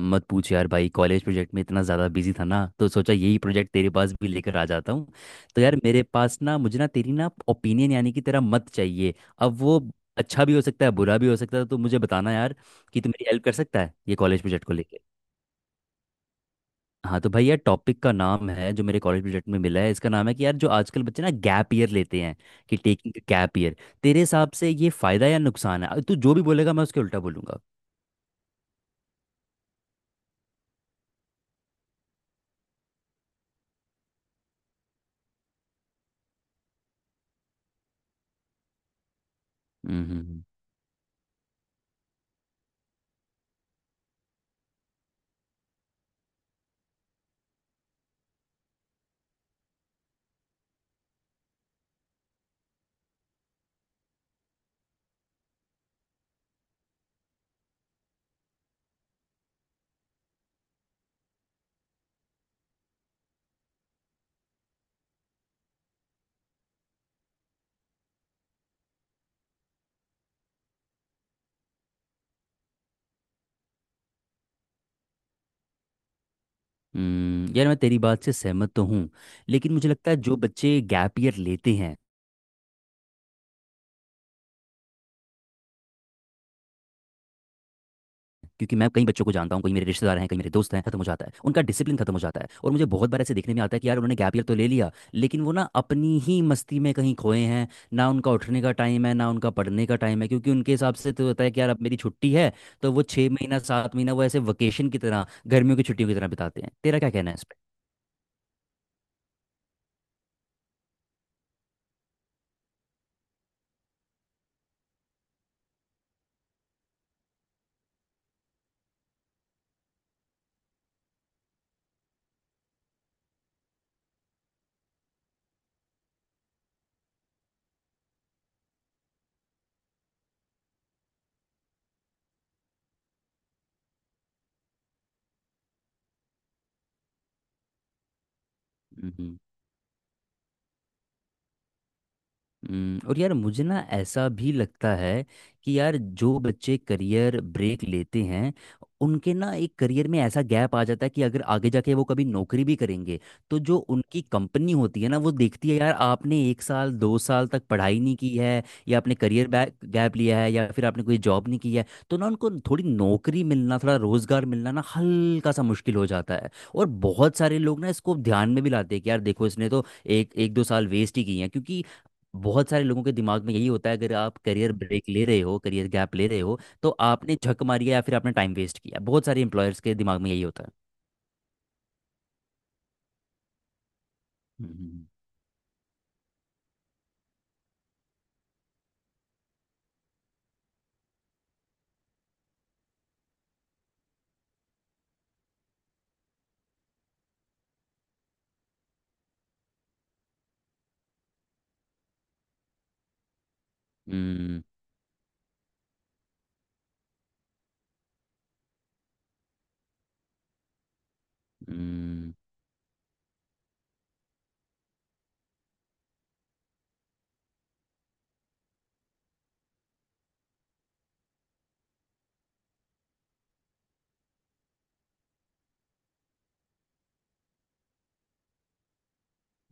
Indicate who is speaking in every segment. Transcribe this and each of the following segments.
Speaker 1: मत पूछ यार भाई। कॉलेज प्रोजेक्ट में इतना ज़्यादा बिजी था ना, तो सोचा यही प्रोजेक्ट तेरे पास भी लेकर आ जाता हूँ। तो यार मेरे पास ना, मुझे ना तेरी ना, ओपिनियन यानी कि तेरा मत चाहिए। अब वो अच्छा भी हो सकता है बुरा भी हो सकता है, तो मुझे बताना यार कि तू मेरी हेल्प कर सकता है ये कॉलेज प्रोजेक्ट को लेके। हाँ तो भाई यार, टॉपिक का नाम है जो मेरे कॉलेज प्रोजेक्ट में मिला है, इसका नाम है कि यार जो आजकल बच्चे ना गैप ईयर लेते हैं, कि टेकिंग गैप ईयर। तेरे हिसाब से ये फ़ायदा या नुकसान है? तू जो भी बोलेगा मैं उसके उल्टा बोलूंगा। हम्म। हम्म। यार मैं तेरी बात से सहमत तो हूँ लेकिन मुझे लगता है जो बच्चे गैप ईयर लेते हैं, क्योंकि मैं कई बच्चों को जानता हूँ, कई मेरे रिश्तेदार हैं, कई मेरे दोस्त हैं, खत्म हो जाता है उनका डिसिप्लिन खत्म हो जाता है, और मुझे बहुत बार ऐसे देखने में आता है कि यार उन्होंने गैप ईयर तो ले लिया लेकिन वो ना अपनी ही मस्ती में कहीं खोए हैं। ना उनका उठने का टाइम है ना उनका पढ़ने का टाइम है, क्योंकि उनके हिसाब से तो होता है कि यार अब मेरी छुट्टी है। तो वो छः महीना सात महीना वो ऐसे वेकेशन की तरह, गर्मियों की छुट्टियों की तरह बिताते हैं। तेरा क्या कहना है इस पर? हम्म। और यार मुझे ना ऐसा भी लगता है कि यार जो बच्चे करियर ब्रेक लेते हैं, उनके ना एक करियर में ऐसा गैप आ जाता है कि अगर आगे जाके वो कभी नौकरी भी करेंगे तो जो उनकी कंपनी होती है ना, वो देखती है यार आपने एक साल दो साल तक पढ़ाई नहीं की है या आपने करियर गैप लिया है या फिर आपने कोई जॉब नहीं की है। तो ना उनको थोड़ी नौकरी मिलना, थोड़ा रोजगार मिलना ना हल्का सा मुश्किल हो जाता है, और बहुत सारे लोग ना इसको ध्यान में भी लाते हैं कि यार देखो इसने तो एक एक दो साल वेस्ट ही किए हैं, क्योंकि बहुत सारे लोगों के दिमाग में यही होता है अगर आप करियर ब्रेक ले रहे हो, करियर गैप ले रहे हो, तो आपने झक मारी है या फिर आपने टाइम वेस्ट किया। बहुत सारे एम्प्लॉयर्स के दिमाग में यही होता है। हम्म। हम्म। हम्म।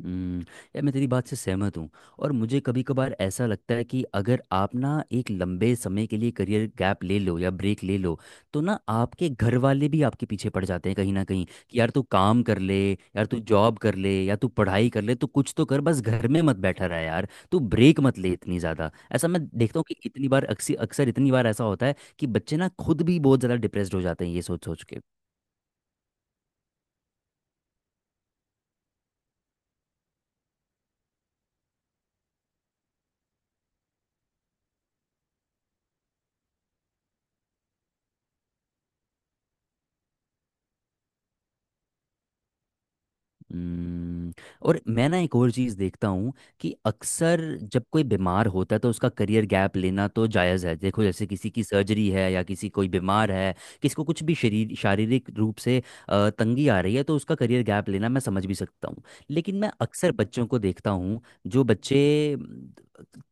Speaker 1: हम्म। यार मैं तेरी बात से सहमत हूँ। और मुझे कभी कभार ऐसा लगता है कि अगर आप ना एक लंबे समय के लिए करियर गैप ले लो या ब्रेक ले लो तो ना आपके घर वाले भी आपके पीछे पड़ जाते हैं कहीं ना कहीं कि यार तू काम कर ले, यार तू जॉब कर ले या तू पढ़ाई कर ले तो कुछ तो कर, बस घर में मत बैठा रहा, यार तू ब्रेक मत ले इतनी ज़्यादा। ऐसा मैं देखता हूँ कि इतनी बार, अक्सर अक्सर इतनी बार ऐसा होता है कि बच्चे ना खुद भी बहुत ज़्यादा डिप्रेस्ड हो जाते हैं ये सोच सोच के। हम्म। और मैं ना एक और चीज़ देखता हूँ, कि अक्सर जब कोई बीमार होता है तो उसका करियर गैप लेना तो जायज़ है। देखो जैसे किसी की सर्जरी है या किसी, कोई बीमार है, किसी को कुछ भी शरीर शारीरिक रूप से तंगी आ रही है, तो उसका करियर गैप लेना मैं समझ भी सकता हूँ। लेकिन मैं अक्सर बच्चों को देखता हूँ, जो बच्चे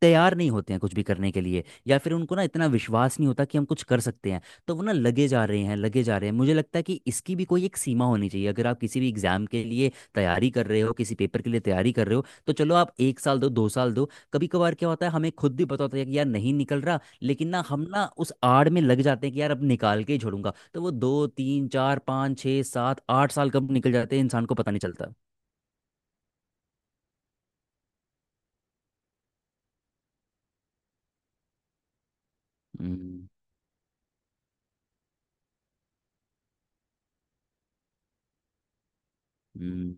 Speaker 1: तैयार नहीं होते हैं कुछ भी करने के लिए या फिर उनको ना इतना विश्वास नहीं होता कि हम कुछ कर सकते हैं, तो वो ना लगे जा रहे हैं लगे जा रहे हैं। मुझे लगता है कि इसकी भी कोई एक सीमा होनी चाहिए। अगर आप किसी भी एग्ज़ाम के लिए तैयारी कर रहे हो, किसी पेपर के लिए तैयारी कर रहे हो, तो चलो आप एक साल दो, दो साल दो, कभी कभार क्या होता है हमें खुद भी पता होता है कि यार नहीं निकल रहा, लेकिन ना हम ना उस आड़ में लग जाते हैं कि यार अब निकाल के ही छोड़ूंगा, तो वो दो तीन चार पाँच छः सात आठ साल कब निकल जाते हैं इंसान को पता नहीं चलता। हम्म। हम्म।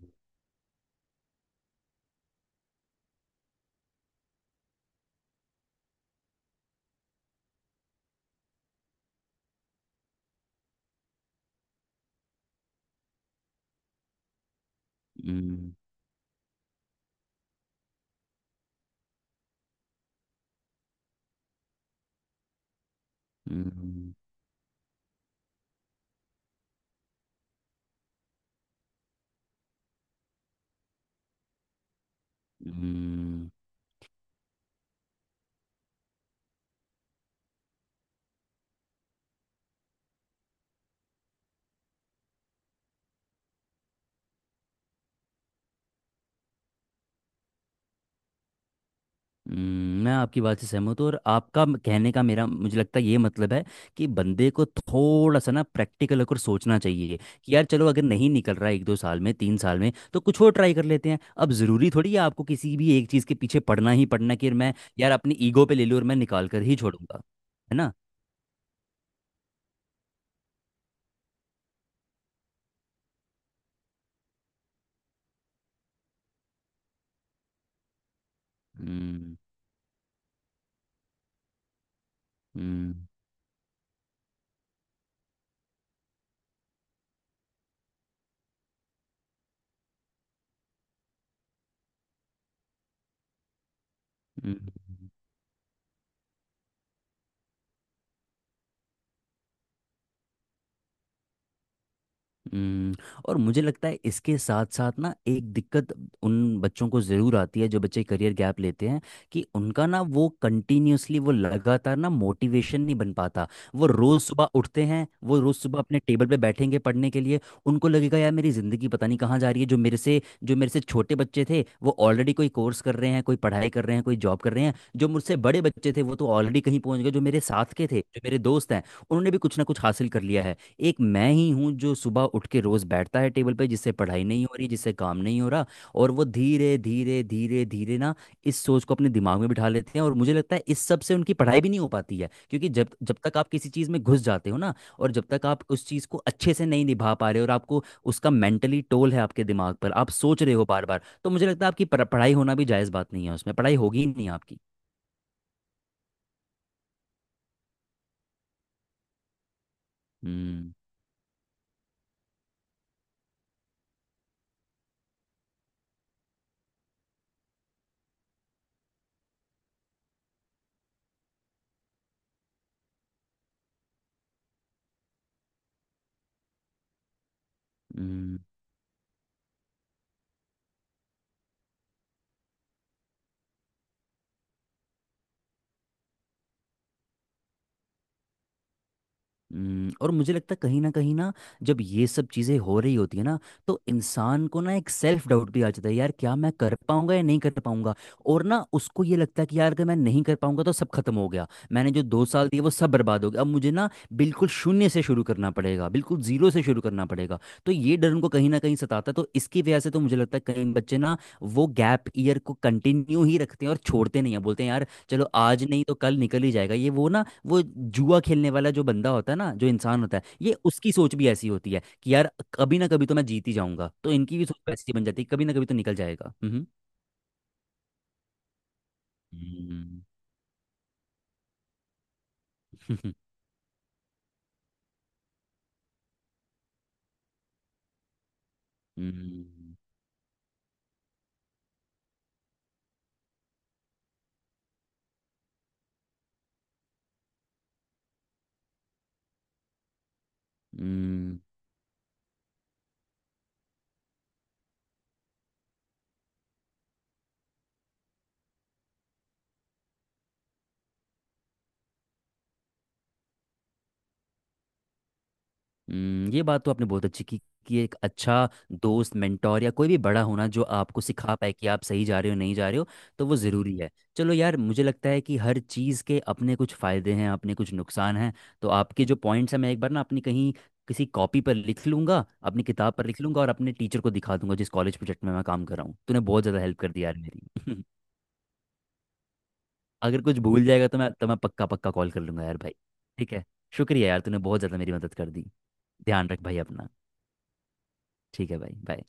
Speaker 1: हम्म। हम्म। हम्म। हम्म। हम्म। मैं आपकी बात से सहमत हूँ, और आपका कहने का मेरा, मुझे लगता है ये मतलब है कि बंदे को थोड़ा सा ना प्रैक्टिकल होकर सोचना चाहिए कि यार चलो अगर नहीं निकल रहा है एक दो साल में तीन साल में तो कुछ और ट्राई कर लेते हैं। अब ज़रूरी थोड़ी है आपको किसी भी एक चीज़ के पीछे पड़ना ही पड़ना कि यार मैं, यार अपनी ईगो पे ले लूँ और मैं निकाल कर ही छोड़ूंगा। है ना। हम्म। हम्म। हम्म। हम्म। और मुझे लगता है इसके साथ साथ ना एक दिक्कत उन बच्चों को ज़रूर आती है जो बच्चे करियर गैप लेते हैं, कि उनका ना वो कंटिन्यूअसली, वो लगातार ना मोटिवेशन नहीं बन पाता। वो रोज़ सुबह उठते हैं, वो रोज़ सुबह अपने टेबल पे बैठेंगे पढ़ने के लिए, उनको लगेगा यार मेरी ज़िंदगी पता नहीं कहाँ जा रही है, जो मेरे से छोटे बच्चे थे वो ऑलरेडी कोई कोर्स कर रहे हैं, कोई पढ़ाई कर रहे हैं, कोई जॉब कर रहे हैं, जो मुझसे बड़े बच्चे थे वो तो ऑलरेडी कहीं पहुंच गए, जो मेरे साथ के थे जो मेरे दोस्त हैं, उन्होंने भी कुछ ना कुछ हासिल कर लिया है। एक मैं ही हूँ जो सुबह उठ के रोज बैठता है टेबल पे, जिससे पढ़ाई नहीं हो रही, जिससे काम नहीं हो रहा, और वो धीरे धीरे धीरे धीरे ना इस सोच को अपने दिमाग में बिठा लेते हैं। और मुझे लगता है इस सब से उनकी पढ़ाई भी नहीं हो पाती है, क्योंकि जब जब तक आप किसी चीज़ में घुस जाते हो ना, और जब तक आप उस चीज़ को अच्छे से नहीं निभा पा रहे हो, और आपको उसका मेंटली टोल है आपके दिमाग पर, आप सोच रहे हो बार बार, तो मुझे लगता है आपकी पढ़ाई होना भी जायज़ बात नहीं है, उसमें पढ़ाई होगी ही नहीं आपकी। हम्म। हम्म। हम्म। और मुझे लगता है कहीं ना कहीं ना, जब ये सब चीज़ें हो रही होती है ना, तो इंसान को ना एक सेल्फ डाउट भी आ जाता है, यार क्या मैं कर पाऊंगा या नहीं कर पाऊंगा। और ना उसको ये लगता है कि यार अगर मैं नहीं कर पाऊंगा तो सब खत्म हो गया, मैंने जो दो साल दिए वो सब बर्बाद हो गया, अब मुझे ना बिल्कुल शून्य से शुरू करना पड़ेगा, बिल्कुल जीरो से शुरू करना पड़ेगा। तो ये डर उनको कहीं ना कहीं सताता है, तो इसकी वजह से तो मुझे लगता है कई बच्चे ना वो गैप ईयर को कंटिन्यू ही रखते हैं और छोड़ते नहीं है, बोलते हैं यार चलो आज नहीं तो कल निकल ही जाएगा, ये वो ना, वो जुआ खेलने वाला जो बंदा होता है ना, जो इंसान होता है, ये उसकी सोच भी ऐसी होती है कि यार कभी ना कभी तो मैं जीत ही जाऊंगा, तो इनकी भी सोच ऐसी बन जाती है कभी ना कभी तो निकल जाएगा। हम्म। हम्म। हम्म। हम्म। हम्म। हम्म। ये बात तो आपने बहुत अच्छी की, कि एक अच्छा दोस्त, मेंटोर या कोई भी बड़ा होना जो आपको सिखा पाए कि आप सही जा रहे हो नहीं जा रहे हो, तो वो ज़रूरी है। चलो यार मुझे लगता है कि हर चीज़ के अपने कुछ फ़ायदे हैं अपने कुछ नुकसान हैं। तो आपके जो पॉइंट्स हैं मैं एक बार ना अपनी कहीं, किसी कॉपी पर लिख लूंगा, अपनी किताब पर लिख लूंगा, और अपने टीचर को दिखा दूंगा जिस कॉलेज प्रोजेक्ट में मैं काम कर रहा हूँ। तूने बहुत ज़्यादा हेल्प कर दी यार मेरी। अगर कुछ भूल जाएगा तो मैं पक्का पक्का कॉल कर लूंगा यार भाई। ठीक है। शुक्रिया यार, तूने बहुत ज़्यादा मेरी मदद कर दी। ध्यान रख भाई अपना। ठीक है भाई, बाय।